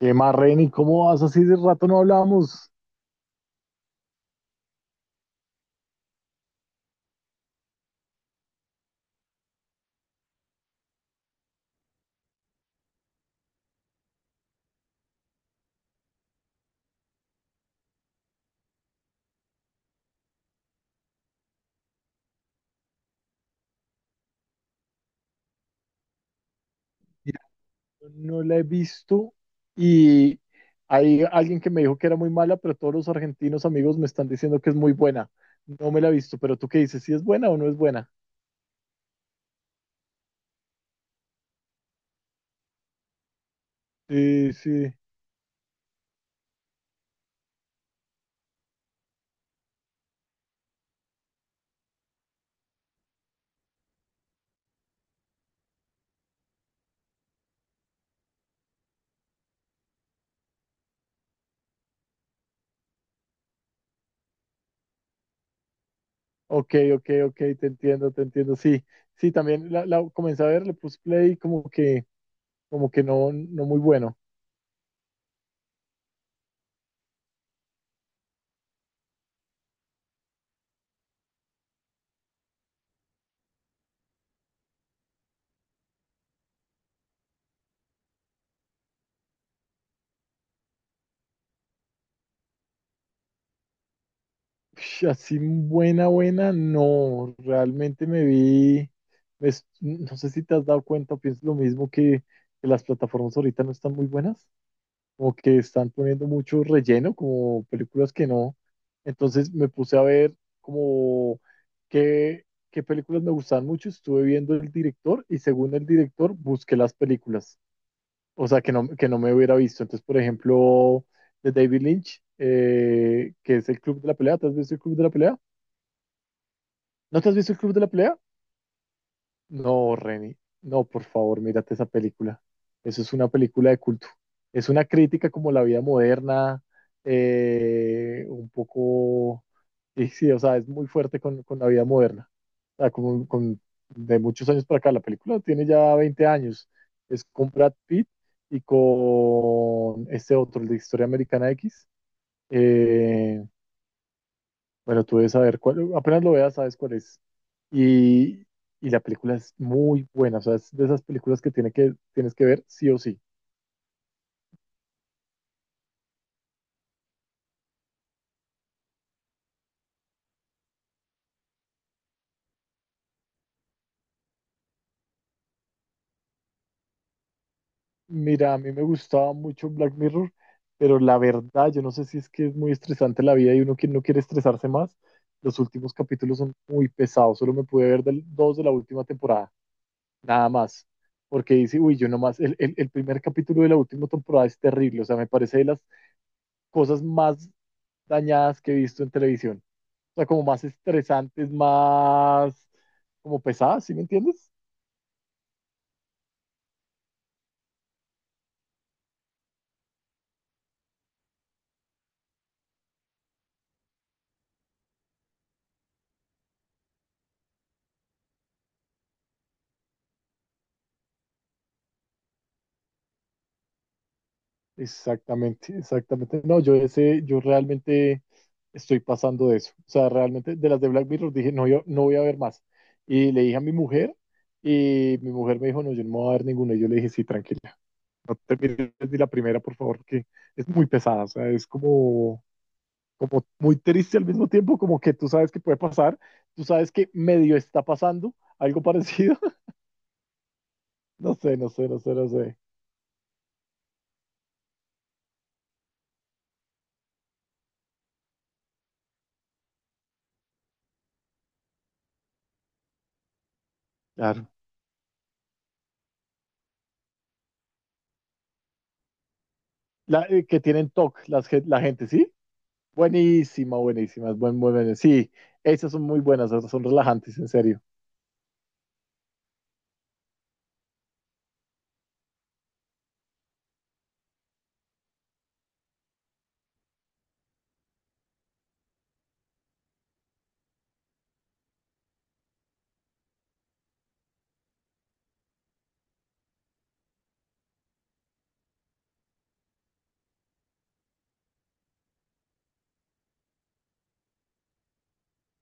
¿Qué más, Reni? ¿Cómo vas? Así de rato no hablamos. Mira, no la he visto y hay alguien que me dijo que era muy mala, pero todos los argentinos amigos me están diciendo que es muy buena. No me la he visto, pero tú qué dices, ¿si es buena o no es buena? Sí, sí. Ok, ok, ok, te entiendo, te entiendo. Sí, sí, también la comencé a ver, le puse play como que no, no muy bueno. Ush, así buena, buena, no, realmente me vi, no sé si te has dado cuenta, pienso lo mismo que las plataformas ahorita no están muy buenas, como que están poniendo mucho relleno, como películas que no, entonces me puse a ver como qué, qué películas me gustaban mucho, estuve viendo el director y según el director busqué las películas, o sea, que no me hubiera visto, entonces por ejemplo, de David Lynch, que es el Club de la Pelea. ¿Te has visto el Club de la Pelea? ¿No te has visto el Club de la Pelea? No, Reni. No, por favor, mírate esa película. Eso es una película de culto. Es una crítica como la vida moderna, un poco, y sí, o sea, es muy fuerte con la vida moderna. O sea, como con, de muchos años para acá. La película tiene ya 20 años. Es con Brad Pitt y con este otro, el de Historia Americana X. Eh, bueno, tú debes saber cuál, apenas lo veas, sabes cuál es. Y, y la película es muy buena, o sea, es de esas películas que, tienes que ver sí o sí. Mira, a mí me gustaba mucho Black Mirror, pero la verdad, yo no sé si es que es muy estresante la vida y uno que no quiere estresarse más. Los últimos capítulos son muy pesados, solo me pude ver dos de la última temporada, nada más. Porque dice, uy, yo nomás, el primer capítulo de la última temporada es terrible, o sea, me parece de las cosas más dañadas que he visto en televisión. O sea, como más estresantes, más como pesadas, ¿sí me entiendes? Exactamente, exactamente. No, yo ese, yo realmente estoy pasando de eso. O sea, realmente de las de Black Mirror dije, no, yo no voy a ver más. Y le dije a mi mujer y mi mujer me dijo, no, yo no me voy a ver ninguna. Y yo le dije, sí, tranquila, no te mires ni la primera, por favor, que es muy pesada. O sea, es como, como muy triste al mismo tiempo, como que tú sabes que puede pasar, tú sabes que medio está pasando algo parecido. No sé, no sé, no sé, no sé. Claro. La, que tienen TOC, las, la gente, ¿sí? Buenísima, buenísima, es sí, esas son muy buenas, esas son relajantes, en serio.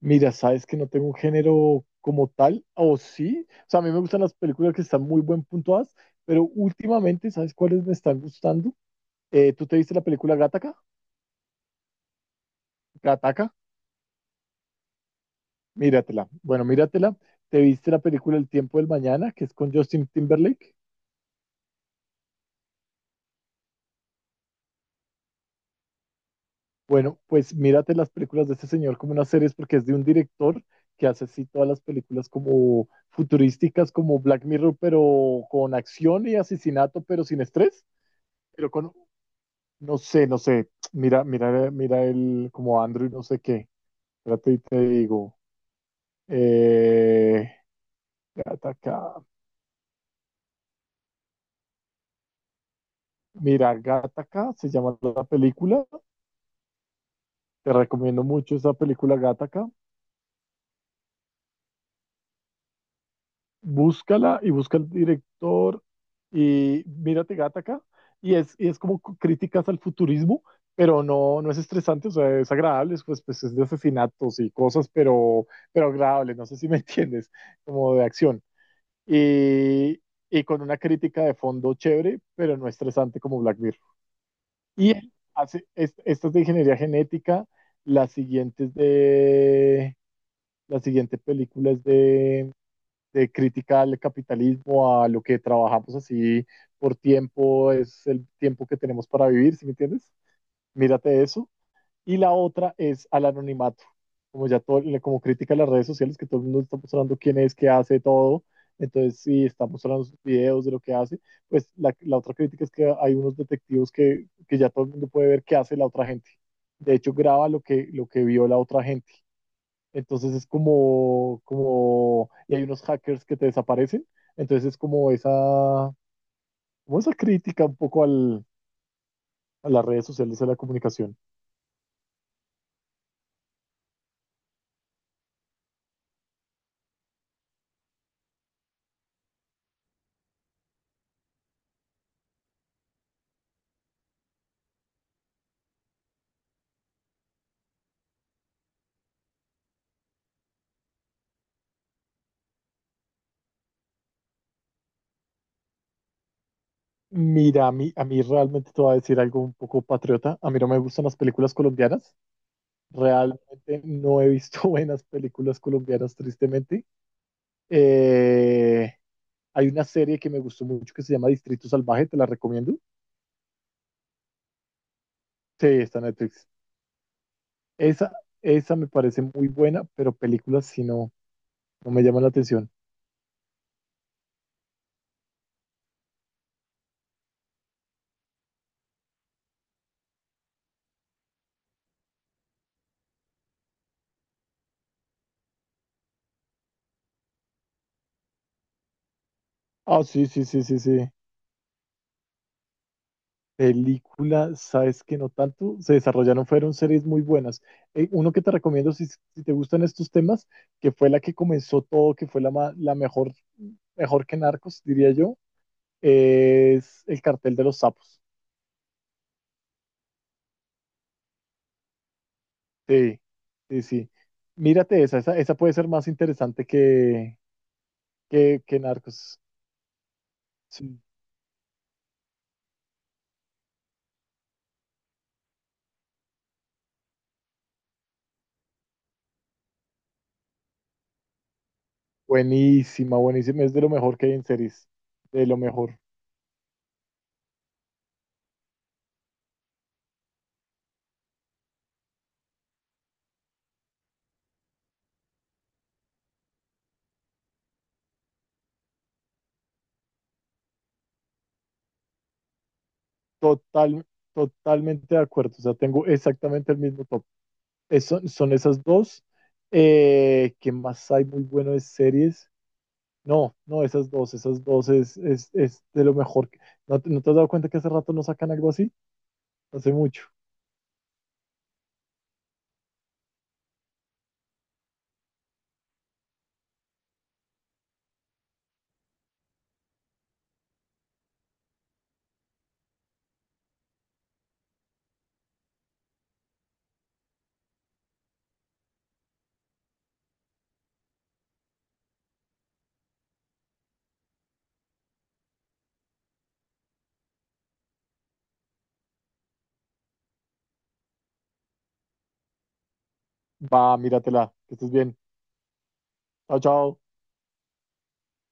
Mira, sabes que no tengo un género como tal, o sí. O sea, a mí me gustan las películas que están muy buen puntuadas, pero últimamente, ¿sabes cuáles me están gustando? ¿Tú te viste la película Gataca? Gataca, míratela. Bueno, míratela. ¿Te viste la película El tiempo del mañana, que es con Justin Timberlake? Bueno, pues mírate las películas de este señor como unas series porque es de un director que hace así todas las películas como futurísticas, como Black Mirror, pero con acción y asesinato, pero sin estrés, pero con, no sé, no sé, mira el como Andrew, no sé qué, espérate y te digo, eh, Gattaca, mira, Gattaca se llama la película, te recomiendo mucho esa película Gattaca, búscala y busca el director y mírate Gattaca y es como críticas al futurismo, pero no, no es estresante, o sea, es agradable, es, pues, pues es de asesinatos y cosas, pero agradable, no sé si me entiendes, como de acción. Y, y con una crítica de fondo chévere, pero no estresante como Black Mirror. Y él hace, esta es de ingeniería genética, la siguiente es de... La siguiente película es de crítica al capitalismo, a lo que trabajamos así por tiempo, es el tiempo que tenemos para vivir, ¿sí me entiendes? Mírate eso. Y la otra es al anonimato, como ya todo, como crítica a las redes sociales, que todo el mundo está mostrando quién es, qué hace, todo. Entonces, si está mostrando sus videos de lo que hace, pues la otra crítica es que hay unos detectivos que ya todo el mundo puede ver qué hace la otra gente. De hecho, graba lo que vio la otra gente. Entonces es como, como, y hay unos hackers que te desaparecen. Entonces es como esa crítica un poco al, a las redes sociales de la comunicación. Mira, a mí realmente te voy a decir algo un poco patriota. A mí no me gustan las películas colombianas. Realmente no he visto buenas películas colombianas, tristemente. Eh, Hay una serie que me gustó mucho que se llama Distrito Salvaje, te la recomiendo. Sí, está en Netflix. Esa, esa me parece muy buena, pero películas si no, no me llama la atención. Ah, sí, sí, sí, sí, sí. Película, sabes que no tanto. Se desarrollaron, fueron series muy buenas. Uno que te recomiendo si, si te gustan estos temas, que fue la que comenzó todo, que fue la, la mejor, mejor que Narcos, diría yo, es El Cartel de los Sapos. Sí, sí, sí. Mírate esa, esa, esa puede ser más interesante que Narcos. Sí. Buenísima, buenísima. Es de lo mejor que hay en series. De lo mejor. Total, totalmente de acuerdo. O sea, tengo exactamente el mismo top. Eso, son esas dos. ¿Qué más hay muy bueno de series? No, no, esas dos es de lo mejor. ¿No, no te has dado cuenta que hace rato no sacan algo así? Hace mucho. Va, míratela, que estés bien. Chao, chao.